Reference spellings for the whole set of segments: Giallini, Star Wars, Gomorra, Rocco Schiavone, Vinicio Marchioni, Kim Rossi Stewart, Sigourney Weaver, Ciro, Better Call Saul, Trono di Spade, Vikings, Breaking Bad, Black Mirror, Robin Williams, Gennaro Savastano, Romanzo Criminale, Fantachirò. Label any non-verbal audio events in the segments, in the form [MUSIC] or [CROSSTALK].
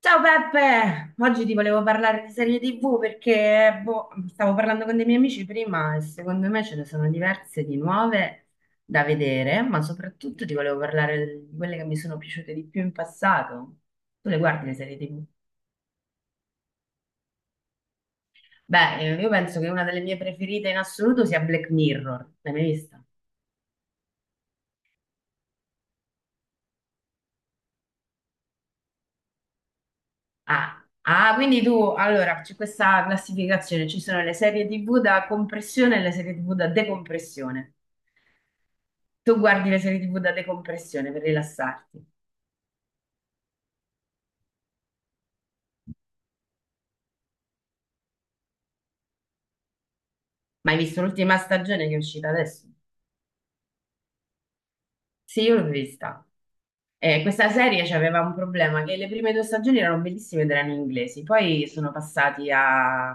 Ciao Peppe, oggi ti volevo parlare di serie TV perché boh, stavo parlando con dei miei amici prima e secondo me ce ne sono diverse di nuove da vedere, ma soprattutto ti volevo parlare di quelle che mi sono piaciute di più in passato. Tu le guardi le serie TV? Beh, io penso che una delle mie preferite in assoluto sia Black Mirror. L'hai mai vista? Ah, ah, quindi tu, allora, c'è questa classificazione, ci sono le serie TV da compressione e le serie TV da decompressione. Tu guardi le serie TV da decompressione per rilassarti. Ma hai visto l'ultima stagione che è uscita adesso? Sì, io l'ho vista. Questa serie aveva un problema, che le prime due stagioni erano bellissime ed erano inglesi, poi sono passati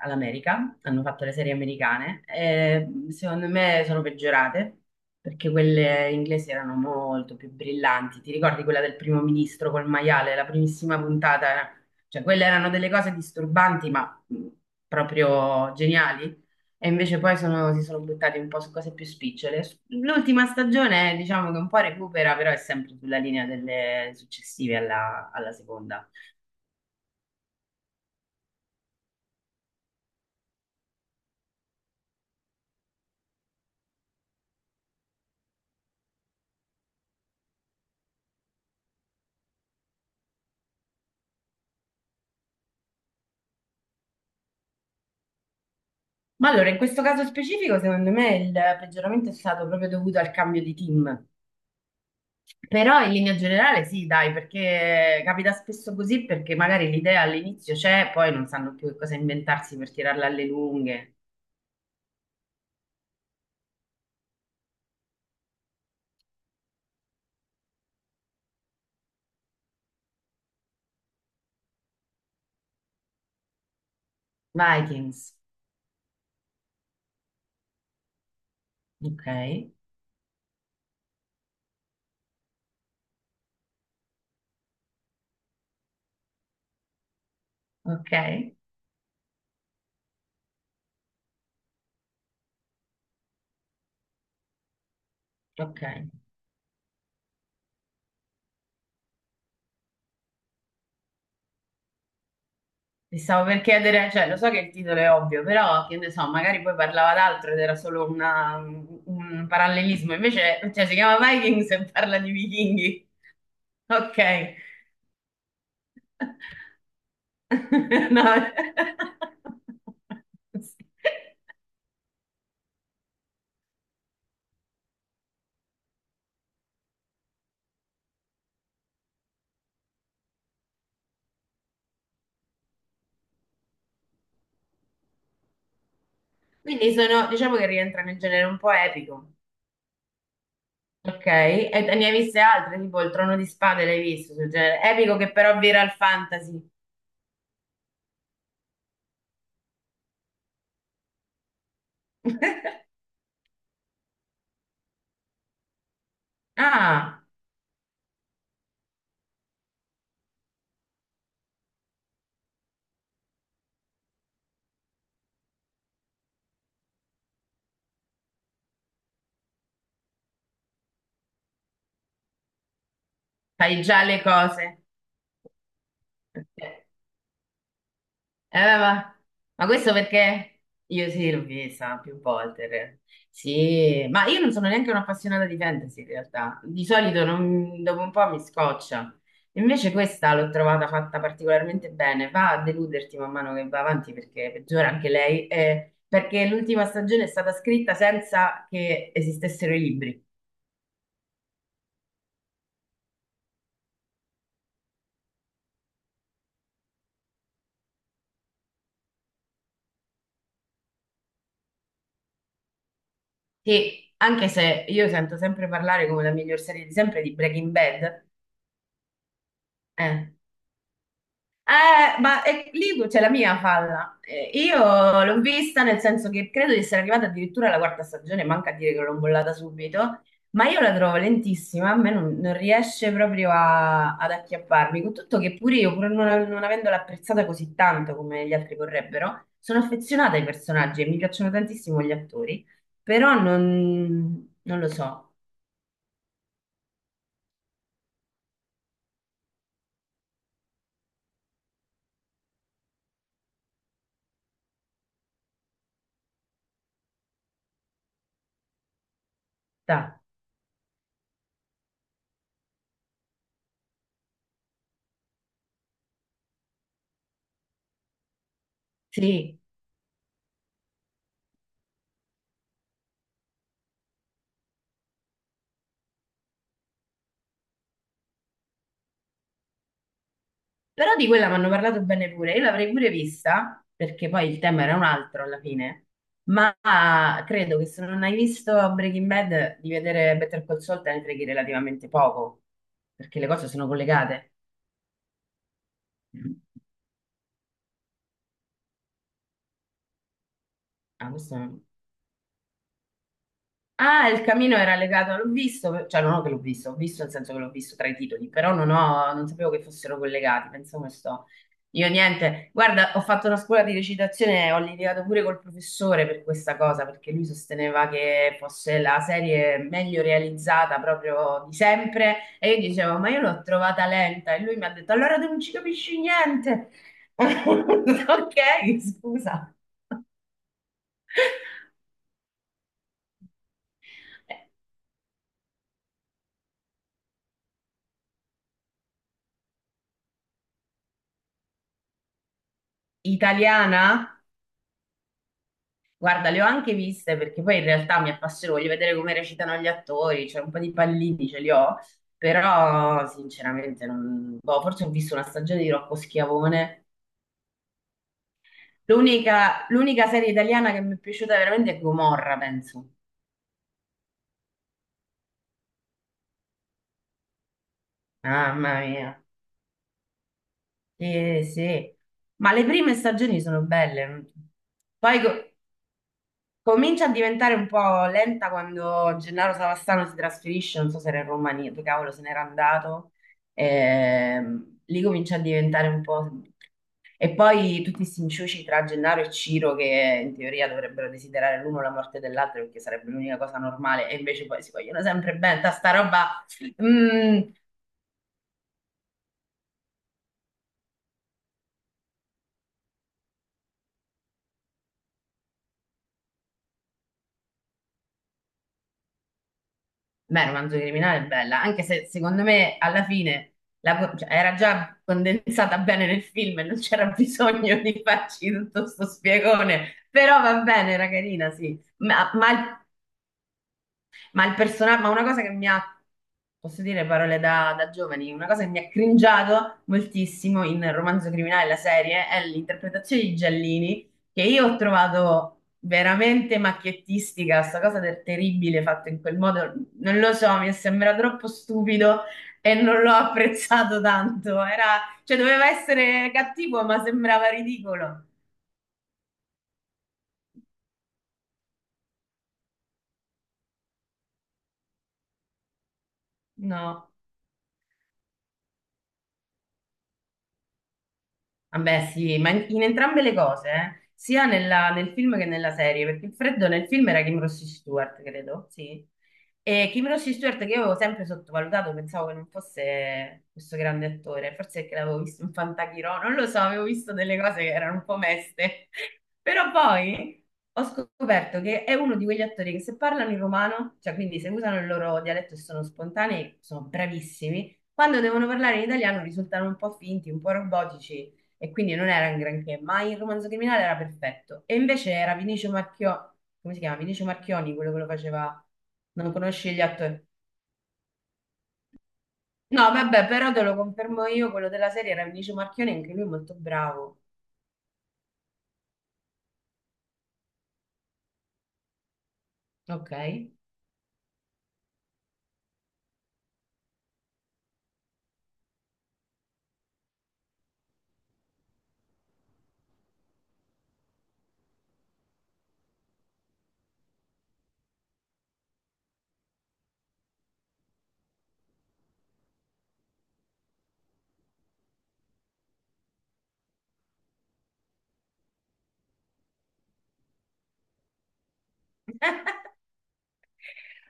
all'America, hanno fatto le serie americane, e secondo me sono peggiorate, perché quelle inglesi erano molto più brillanti. Ti ricordi quella del primo ministro col maiale, la primissima puntata? Cioè, quelle erano delle cose disturbanti, ma proprio geniali. E invece si sono buttati un po' su cose più spicciole. L'ultima stagione, diciamo che un po' recupera, però è sempre sulla linea delle successive alla seconda. Ma allora, in questo caso specifico, secondo me il peggioramento è stato proprio dovuto al cambio di team. Però in linea generale sì, dai, perché capita spesso così, perché magari l'idea all'inizio c'è, poi non sanno più che cosa inventarsi per tirarla alle lunghe. Vikings, ok, ok, ok. Mi stavo per chiedere, cioè lo so che il titolo è ovvio, però che ne so, magari poi parlava d'altro ed era solo un parallelismo, invece cioè, si chiama Vikings e parla di vichinghi. Ok. [LAUGHS] No. Quindi sono, diciamo che rientra nel genere un po' epico. Ok, e te ne hai viste altre, tipo il Trono di Spade l'hai visto sul genere epico che però vira al fantasy. [LAUGHS] Ah, fai già le cose. Eh, ma, ma questo perché io sì, l'ho vista più volte in realtà. Sì, ma io non sono neanche un'appassionata di fantasy in realtà. Di solito dopo un po' mi scoccia. Invece questa l'ho trovata fatta particolarmente bene. Va a deluderti man mano che va avanti perché peggiora anche lei, perché l'ultima stagione è stata scritta senza che esistessero i libri. Che anche se io sento sempre parlare come la miglior serie di sempre di Breaking Bad, eh. Lì c'è la mia falla. Io l'ho vista nel senso che credo di essere arrivata addirittura alla quarta stagione, manca a dire che l'ho bollata subito, ma io la trovo lentissima, a me non riesce proprio ad acchiapparmi, con tutto che pure io, pur non avendola apprezzata così tanto come gli altri vorrebbero, sono affezionata ai personaggi e mi piacciono tantissimo gli attori, però non lo so. Dai. Però di quella mi hanno parlato bene pure, io l'avrei pure vista, perché poi il tema era un altro alla fine, ma credo che se non hai visto Breaking Bad, di vedere Better Call Saul te ne freghi relativamente poco, perché le cose sono collegate. Ah, questo... Ah, il camino era legato, l'ho visto, cioè non ho che l'ho visto, ho visto nel senso che l'ho visto tra i titoli, però non sapevo che fossero collegati, pensavo che sto. Io niente, guarda, ho fatto una scuola di recitazione, ho litigato pure col professore per questa cosa, perché lui sosteneva che fosse la serie meglio realizzata proprio di sempre, e io dicevo, ma io l'ho trovata lenta, e lui mi ha detto, allora tu non ci capisci niente. [LAUGHS] Ok, scusa. Italiana? Guarda, le ho anche viste perché poi in realtà mi appassiono, voglio vedere come recitano gli attori, cioè un po' di pallini ce li ho, però sinceramente non... boh, forse ho visto una stagione di Rocco Schiavone. L'unica serie italiana che mi è piaciuta veramente è Gomorra, penso. Mamma mia. Sì, sì. Ma le prime stagioni sono belle. Poi co- Comincia a diventare un po' lenta quando Gennaro Savastano si trasferisce, non so se era in Romania, dove cavolo se n'era andato. Lì comincia a diventare un po'... E poi tutti questi inciuci tra Gennaro e Ciro che in teoria dovrebbero desiderare l'uno la morte dell'altro perché sarebbe l'unica cosa normale e invece poi si vogliono sempre bene. Ta Sta roba... mm. Beh, Romanzo Criminale è bella, anche se secondo me alla fine cioè, era già condensata bene nel film e non c'era bisogno di farci tutto sto spiegone, però va bene, era carina, sì. Ma il personaggio, ma una cosa che mi ha, posso dire parole da giovani, una cosa che mi ha cringiato moltissimo in Romanzo Criminale, la serie, è l'interpretazione di Giallini, che io ho trovato veramente macchiettistica, sta cosa del terribile fatto in quel modo, non lo so, mi sembra troppo stupido e non l'ho apprezzato tanto, era, cioè doveva essere cattivo, ma sembrava ridicolo. No. Vabbè, sì, ma in entrambe le cose, eh. Sia nel film che nella serie, perché il freddo nel film era Kim Rossi Stewart, credo, sì. E Kim Rossi Stewart, che io avevo sempre sottovalutato, pensavo che non fosse questo grande attore, forse perché l'avevo visto in Fantachirò, non lo so, avevo visto delle cose che erano un po' meste. [LAUGHS] Però poi ho scoperto che è uno di quegli attori che se parlano in romano, cioè quindi se usano il loro dialetto e sono spontanei, sono bravissimi. Quando devono parlare in italiano risultano un po' finti, un po' robotici e quindi non era un granché, ma il Romanzo Criminale era perfetto. E invece era Vinicio Marchio, come si chiama? Vinicio Marchioni, quello che lo faceva. Non conosci gli attori? No, vabbè, però te lo confermo io, quello della serie era Vinicio Marchioni, anche lui è molto bravo. Ok.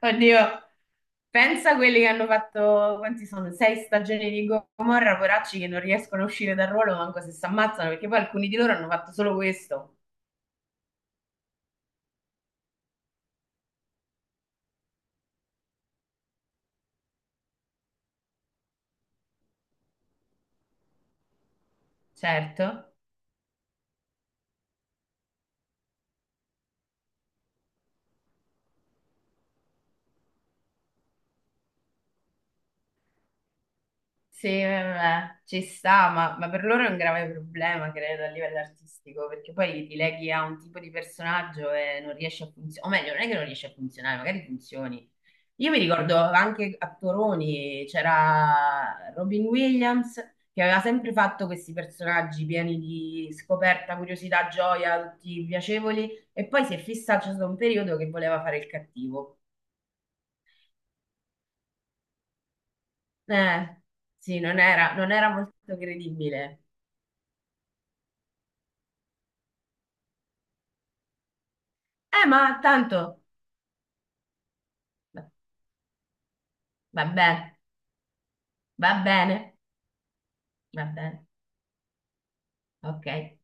Oddio. Pensa a quelli che hanno fatto, quanti sono? Sei stagioni di Gomorra, poracci che non riescono a uscire dal ruolo manco se si ammazzano, perché poi alcuni di loro hanno fatto solo questo. Certo. Sì, vabbè, ci sta, ma per loro è un grave problema, credo, a livello artistico, perché poi ti leghi a un tipo di personaggio e non riesci a funzionare, o meglio, non è che non riesci a funzionare, magari funzioni. Io mi ricordo anche a Toroni c'era Robin Williams che aveva sempre fatto questi personaggi pieni di scoperta, curiosità, gioia, tutti piacevoli, e poi si è fissato, c'è stato un periodo che voleva fare il cattivo. Eh, sì, non era molto credibile. Ma tanto. Vabbè, va bene, va bene, va bene, ok.